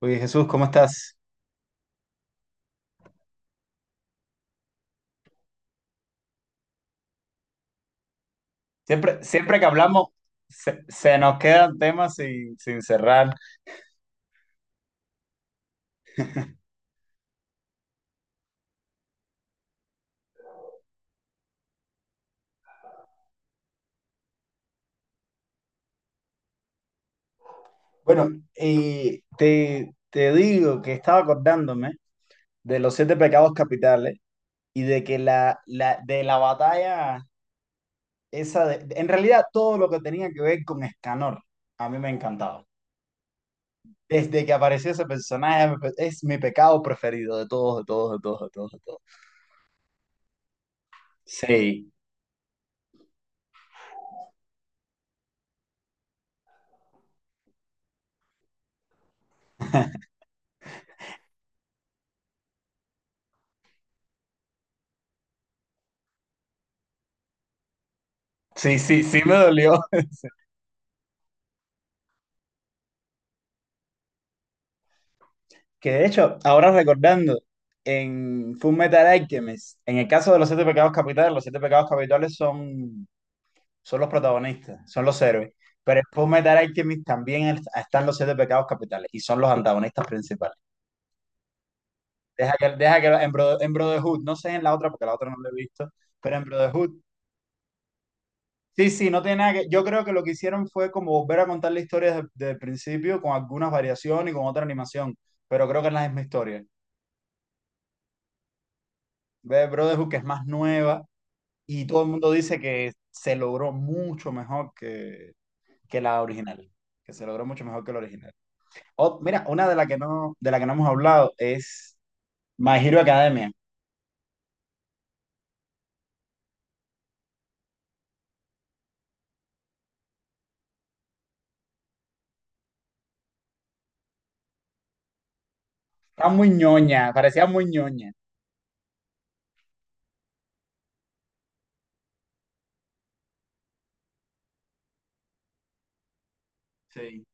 Oye, Jesús, ¿cómo estás? Siempre que hablamos, se nos quedan temas sin cerrar. Bueno, te digo que estaba acordándome de los siete pecados capitales y de que de la batalla esa de, en realidad todo lo que tenía que ver con Escanor, a mí me encantaba. Desde que apareció ese personaje, es mi pecado preferido de todos, de todos, de todos, de todos, de todos. Sí, sí, sí, sí me dolió. Que de hecho, ahora recordando, en Full Metal Alchemist, en el caso de los siete pecados capitales, los siete pecados capitales son los protagonistas, son los héroes. Pero en Full Metal Alchemist también están los siete pecados capitales y son los antagonistas principales. Deja que en, Bro- en Brotherhood, no sé en la otra porque la otra no la he visto, pero en Brotherhood, sí, sí, no tiene nada que. Yo creo que lo que hicieron fue como volver a contar la historia desde el principio con algunas variaciones y con otra animación, pero creo que es la misma historia. Ve Brotherhood que es más nueva. Y todo el mundo dice que se logró mucho mejor que la original, que se logró mucho mejor que la original. Mira, una de la que no, de la que no hemos hablado es My Hero Academia. Está muy ñoña, parecía muy ñoña. Sí,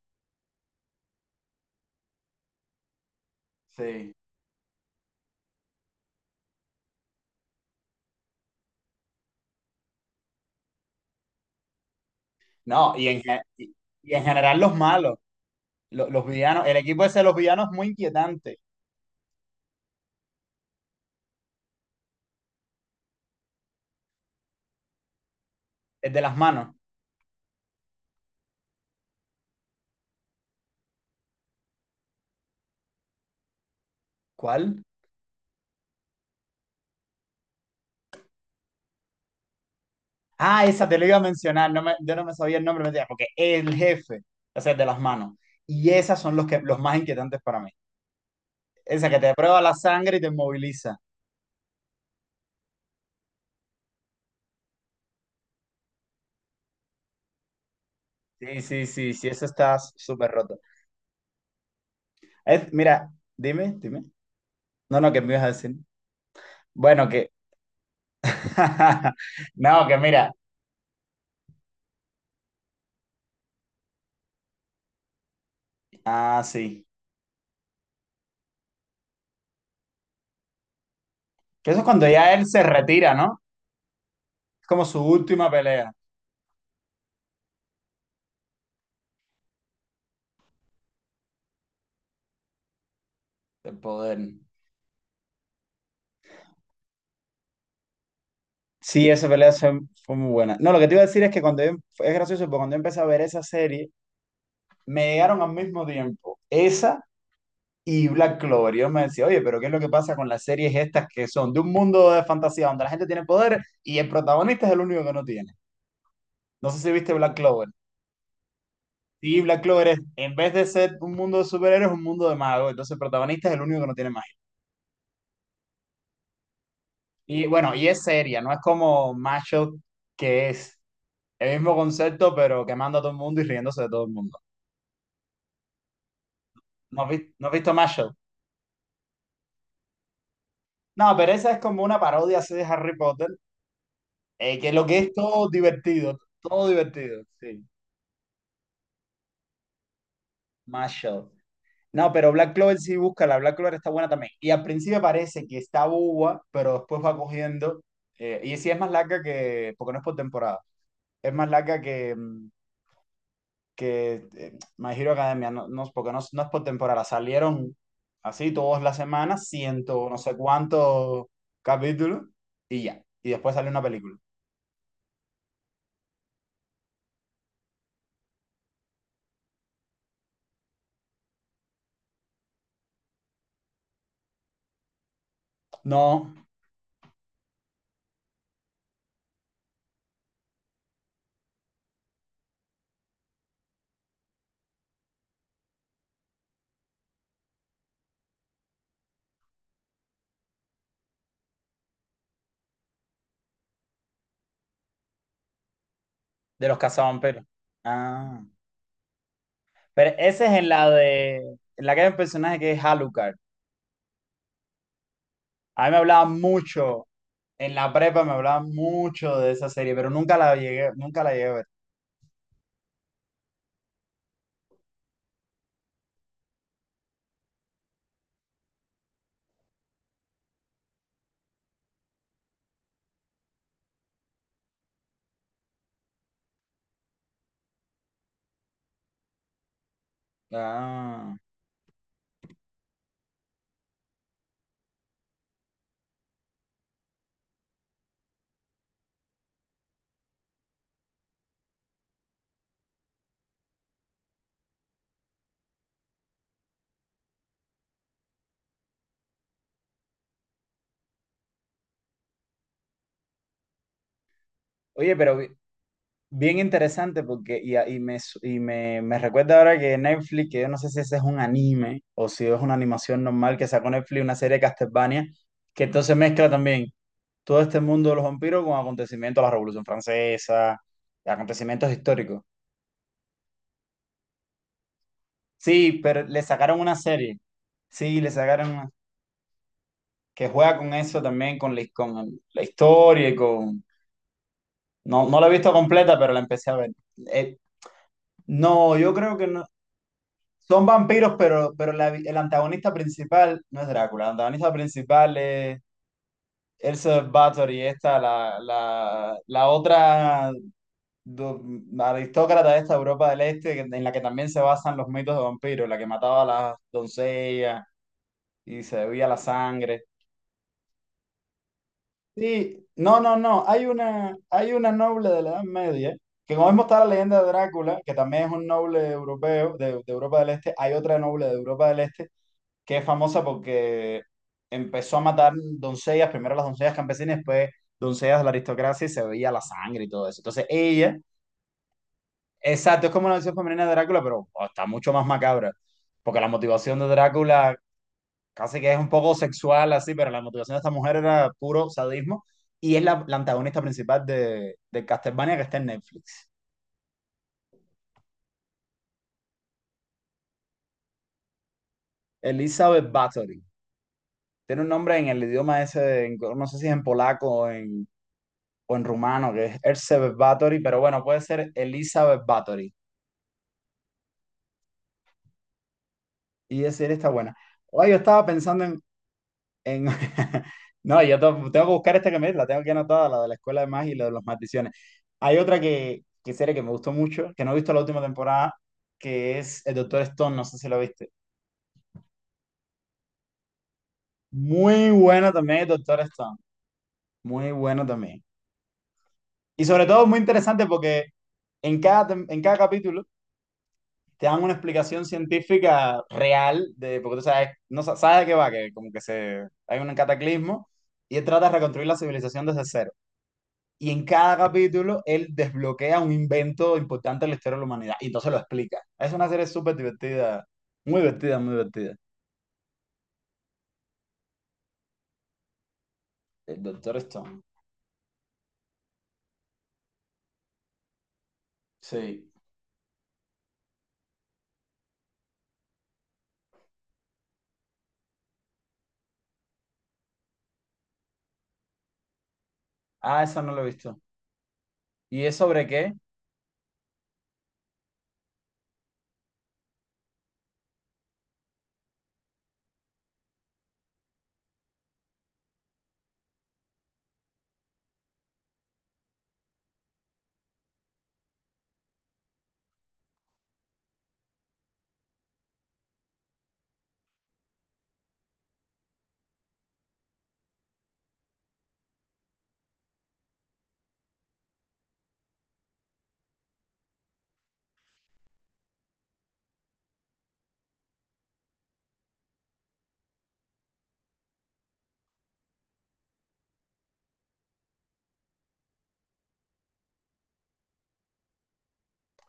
sí. No, y en general los malos, los villanos, el equipo ese de los villanos es muy inquietante, el de las manos. ¿Cuál? Ah, esa te lo iba a mencionar, no me, yo no me sabía el nombre, me decía, porque el jefe, o sea, el de las manos. Y esas son los, que, los más inquietantes para mí. Esa que te prueba la sangre y te moviliza. Sí, sí, sí, sí, eso está súper roto. Mira, dime, dime. No, no, ¿qué me ibas a decir? Bueno, que... No, que mira. Ah, sí. Que eso es cuando ya él se retira, ¿no? Es como su última pelea de poder. Sí, esa pelea fue, fue muy buena. No, lo que te iba a decir es que es gracioso, porque cuando yo empecé a ver esa serie, me llegaron al mismo tiempo. Esa y Black Clover, y yo me decía, oye, pero ¿qué es lo que pasa con las series estas que son de un mundo de fantasía donde la gente tiene poder y el protagonista es el único que no tiene? No sé si viste Black Clover. Sí, Black Clover es, en vez de ser un mundo de superhéroes, es un mundo de magos. Entonces el protagonista es el único que no tiene magia. Y bueno, y es seria, no es como Mashup, que es el mismo concepto, pero quemando a todo el mundo y riéndose de todo el mundo. ¿No has no has visto Mashup? No, pero esa es como una parodia así de Harry Potter, que lo que es todo divertido, sí. Mashup. No, pero Black Clover sí busca, la Black Clover está buena también. Y al principio parece que está boba, pero después va cogiendo. Eh, y sí es más larga que, porque no es por temporada, es más larga que, que eh, My Hero Academia, no, no, porque no, no es por temporada. Salieron así todas las semanas, ciento no sé cuántos capítulos, y ya. Y después salió una película. No, de los cazavampiros. Ah, pero ese es en la de, en la que hay un personaje que es Alucard. A mí me hablaban mucho, en la prepa me hablaban mucho de esa serie, pero nunca la llegué, nunca la llegué a ver. Ah. Oye, pero bien interesante porque, y, a- y me, su- y me recuerda ahora que Netflix, que yo no sé si ese es un anime o si es una animación normal que sacó Netflix, una serie de Castlevania, que entonces mezcla también todo este mundo de los vampiros con acontecimientos de la Revolución Francesa, acontecimientos históricos. Sí, pero le sacaron una serie. Sí, le sacaron. Que juega con eso también, con la, con la historia y con... No, no la he visto completa, pero la empecé a ver. Eh, no, yo creo que no. Son vampiros, pero el antagonista principal no es Drácula. El antagonista principal es Elsa Bathory, esta, la otra do- aristócrata de esta Europa del Este, que- en la que también se basan los mitos de vampiros, la que mataba a las doncellas y se bebía la sangre. Sí, no, no, no. Hay una noble de la Edad Media, que como vemos está la leyenda de Drácula, que también es un noble europeo de Europa del Este. Hay otra noble de Europa del Este que es famosa porque empezó a matar doncellas, primero las doncellas campesinas, después doncellas de la aristocracia y se veía la sangre y todo eso. Entonces ella, exacto, es como una versión femenina de Drácula, pero oh, está mucho más macabra, porque la motivación de Drácula casi que es un poco sexual así, pero la motivación de esta mujer era puro sadismo y es la antagonista principal de Castlevania que está en Netflix. Elizabeth Bathory. Tiene un nombre en el idioma ese, en- no sé si es en polaco o en rumano, que es Elizabeth Bathory, pero bueno, puede ser Elizabeth Bathory. Y decir, está buena. Oye, yo estaba pensando en- No, yo tengo que buscar esta que me la tengo aquí anotada, la de la Escuela de Magia y la de los maldiciones. Hay otra que serie que me gustó mucho, que no he visto la última temporada, que es El Doctor Stone, no sé si la viste. Muy buena también El Doctor Stone, muy bueno también. Y sobre todo muy interesante porque en cada capítulo te dan una explicación científica real de, porque tú sabes, no sa- sabes de qué va, que como que se, hay un cataclismo y él trata de reconstruir la civilización desde cero. Y en cada capítulo él desbloquea un invento importante de la historia de la humanidad y entonces lo explica. Es una serie súper divertida, muy divertida, muy divertida. El Doctor Stone. Sí. Ah, esa no la he visto. ¿Y es sobre qué?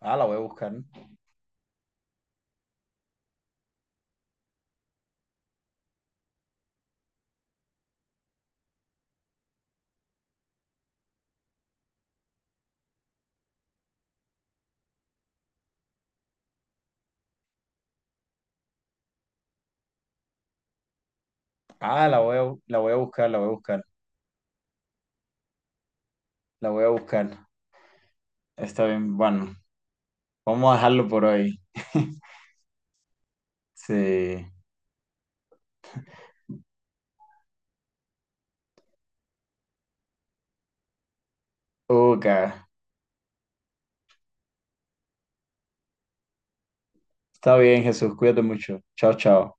Ah, la voy a buscar. Ah, la voy a buscar, la voy a buscar, la voy a buscar. Está bien, bueno, vamos a dejarlo por hoy. Sí. Ok. Está bien, Jesús, cuídate mucho. Chao, chao.